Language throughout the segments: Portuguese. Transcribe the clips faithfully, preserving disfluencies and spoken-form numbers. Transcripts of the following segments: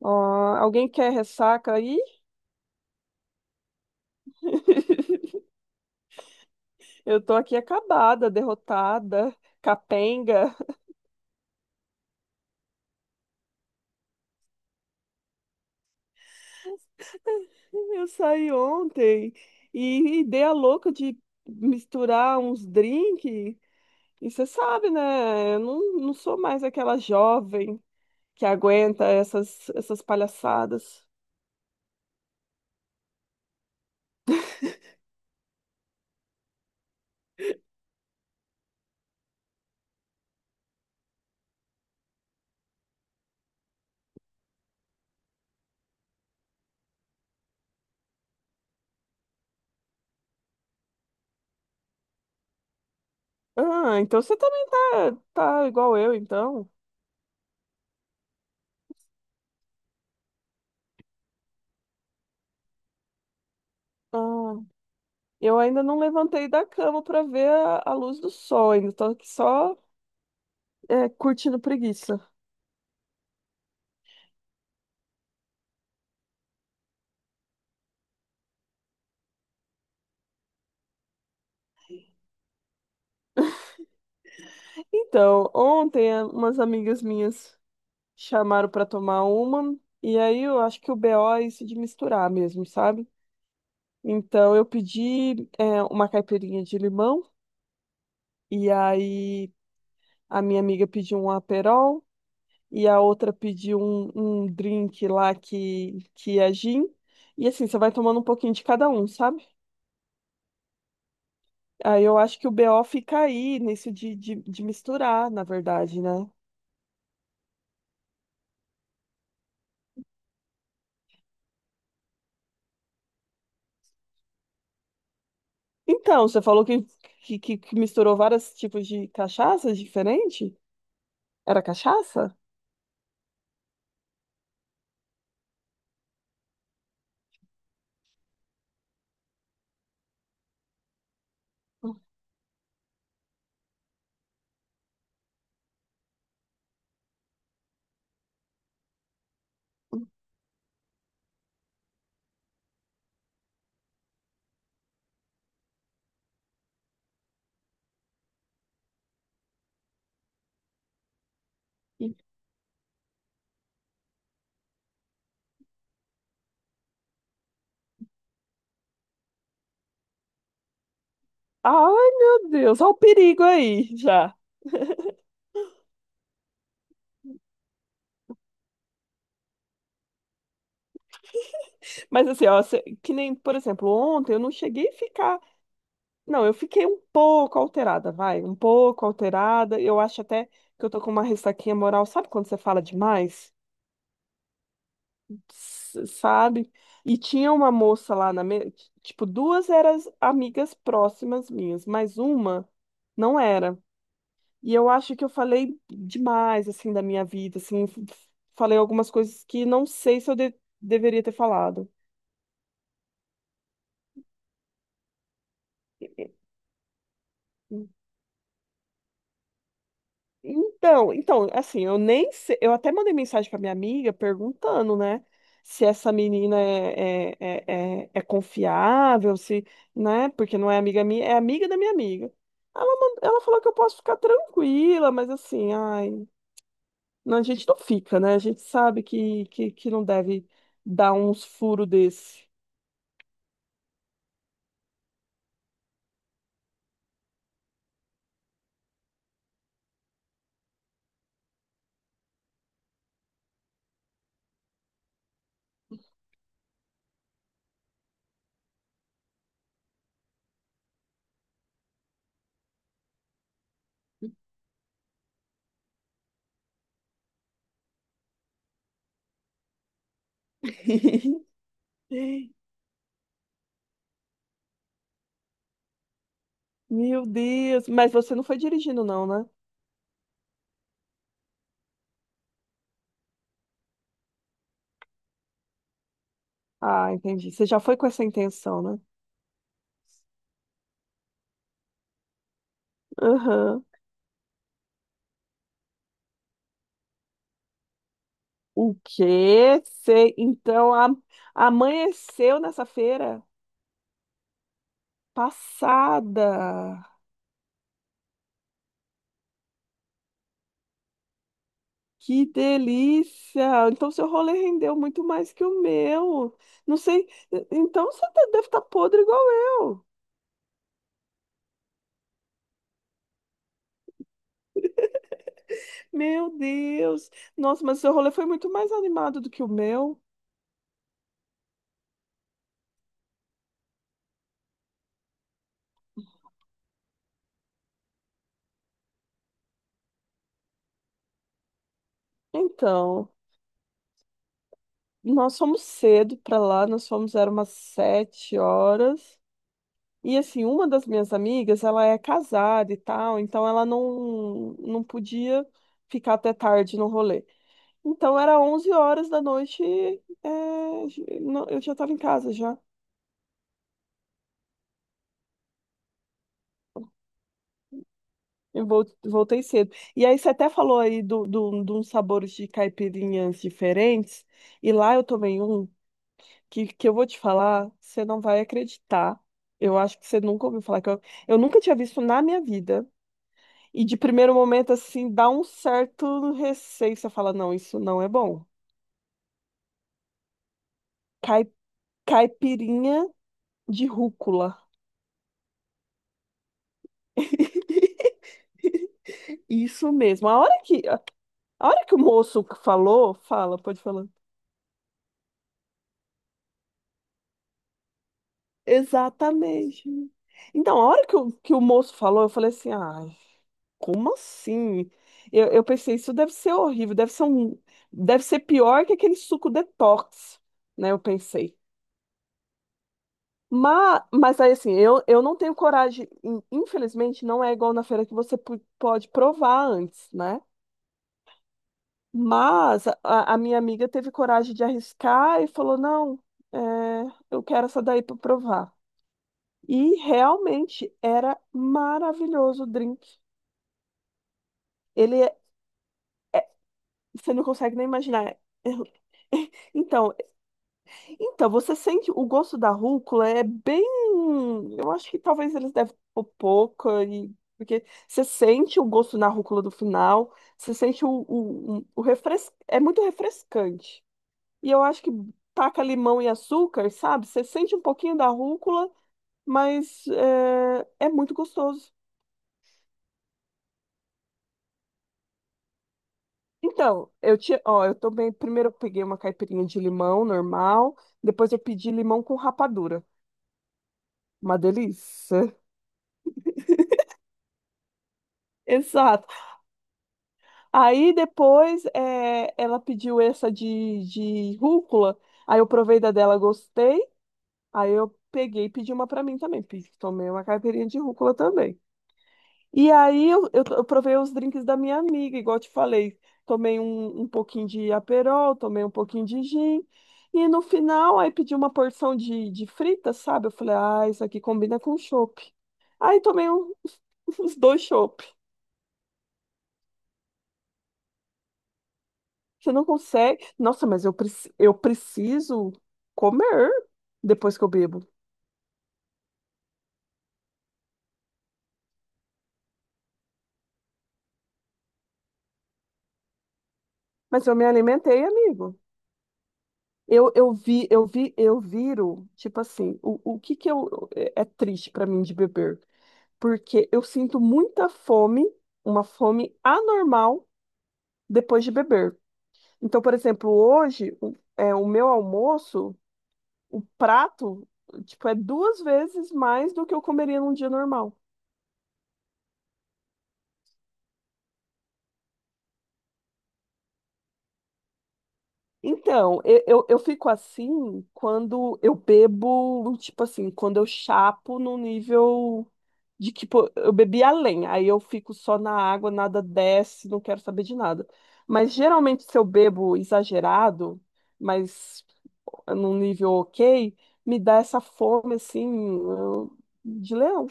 Ó, alguém quer ressaca aí? Eu tô aqui acabada, derrotada, capenga. Eu saí ontem e, e dei a louca de misturar uns drinks. E você sabe, né? Eu não, não sou mais aquela jovem que aguenta essas, essas palhaçadas. Ah, então você também tá, tá igual eu, então. Ah, eu ainda não levantei da cama pra ver a, a luz do sol, ainda tô aqui só é, curtindo preguiça. Então, ontem a- umas amigas minhas chamaram para tomar uma, e aí eu acho que o B O é isso de misturar mesmo, sabe? Então eu pedi é, uma caipirinha de limão, e aí a minha amiga pediu um Aperol, e a outra pediu um, um drink lá que, que é gin. E assim, você vai tomando um pouquinho de cada um, sabe? Aí eu acho que o B O fica aí, nisso de, de, de misturar, na verdade, né? Então, você falou que, que, que- que misturou vários tipos de cachaças diferentes? Era cachaça? Ai, meu Deus, olha o perigo aí já. Mas assim, ó, cê- que nem, por exemplo, ontem eu não cheguei a ficar. Não, eu fiquei um pouco alterada, vai, um pouco alterada. Eu acho até que eu tô com uma ressaquinha moral. Sabe quando você fala demais? S- sabe? E tinha uma moça lá na mesa, tipo, duas eram amigas próximas minhas, mas uma não era. E eu acho que eu falei demais, assim, da minha vida, assim, f- f- falei algumas coisas que não sei se eu de- deveria ter falado. E- e- Então, então, assim, eu nem sei, eu até mandei mensagem pra minha amiga perguntando, né, se essa menina é, é, é, é, é confiável, se, né, porque não é amiga minha, é amiga da minha amiga. Ela, mand- ela falou que eu posso ficar tranquila, mas assim, ai, não, a gente não fica, né, a gente sabe que, que, que não deve dar uns furos desse. Meu Deus, mas você não foi dirigindo, não, né? Ah, entendi. Você já foi com essa intenção, né? Aham. O quê? Você, então, a- amanheceu nessa feira passada. Que delícia! Então, seu rolê rendeu muito mais que o meu. Não sei. Então, você tá- deve estar podre igual eu. Meu Deus! Nossa, mas seu rolê foi muito mais animado do que o meu. Então. Nós fomos cedo para lá, nós fomos, era umas sete horas. E assim, uma das minhas amigas, ela é casada e tal, então ela não, não podia ficar até tarde no rolê. Então era onze horas da noite, é, j- não- eu já estava em casa já. Eu vol- voltei cedo. E aí você até falou aí do, do, de uns sabores de caipirinhas diferentes, e lá eu tomei um, que, que eu vou te falar, você não vai acreditar. Eu acho que você nunca ouviu falar que eu, eu nunca tinha visto na minha vida. E de primeiro momento, assim, dá um certo receio. Você fala, não, isso não é bom. Cai- Caipirinha de rúcula. Isso mesmo. A hora que, a hora que o moço falou, fala, pode falar. Exatamente. Então, a hora que o, que o moço falou, eu falei assim, ai. Como assim? Eu, eu pensei, isso deve ser horrível, deve ser um, deve ser pior que aquele suco detox, né? Eu pensei. Mas, mas aí assim, eu, eu não tenho coragem, in- infelizmente, não é igual na feira que você pu- pode provar antes, né? Mas a, a minha amiga teve coragem de arriscar e falou: não, é, eu quero essa daí para provar. E realmente era maravilhoso o drink. Ele é, você não consegue nem imaginar. Então, então, você sente o gosto da rúcula é bem. Eu acho que talvez eles devem pôr pouca, e... porque você sente o gosto na rúcula do final, você sente o, o, um, o refres... É muito refrescante. E eu acho que taca limão e açúcar, sabe? Você sente um pouquinho da rúcula, mas é, é muito gostoso. Então, eu tinha, ó, eu também, primeiro eu peguei uma caipirinha de limão normal, depois eu pedi limão com rapadura. Uma delícia. Exato. Aí depois eh, ela pediu essa de, de rúcula. Aí eu provei da dela, gostei. Aí eu peguei e pedi uma pra mim também. pe- Tomei uma caipirinha de rúcula também. E aí eu, eu, eu provei os drinks da minha amiga, igual eu te falei. Tomei um, um pouquinho de Aperol, tomei um pouquinho de gin. E no final, aí pedi uma porção de, de frita, sabe? Eu falei, ah, isso aqui combina com chopp. Aí tomei um, os dois. Você não consegue. Nossa, mas eu, preci- eu preciso comer depois que eu bebo. Mas eu me alimentei, amigo. Eu, eu vi, eu vi, eu viro, tipo assim, o, o que que eu, é é triste pra mim de beber? Porque eu sinto muita fome, uma fome anormal depois de beber. Então, por exemplo, hoje, o- é, o meu almoço, o prato, tipo, é duas vezes mais do que eu comeria num dia normal. Então, eu, eu, eu fico assim quando eu bebo, tipo assim, quando eu chapo no nível de que pô, eu bebi além, aí eu fico só na água, nada desce, não quero saber de nada. Mas geralmente se eu bebo exagerado, mas num nível ok, me dá essa fome assim eu- de leão.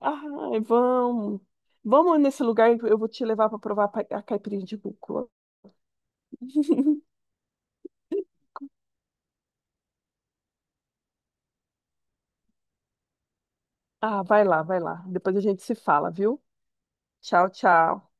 Ah, vamos, vamos nesse lugar, eu vou te levar para provar pa- a caipirinha de rúcula. Ah, vai lá, vai lá. Depois a gente se fala, viu? Tchau, tchau.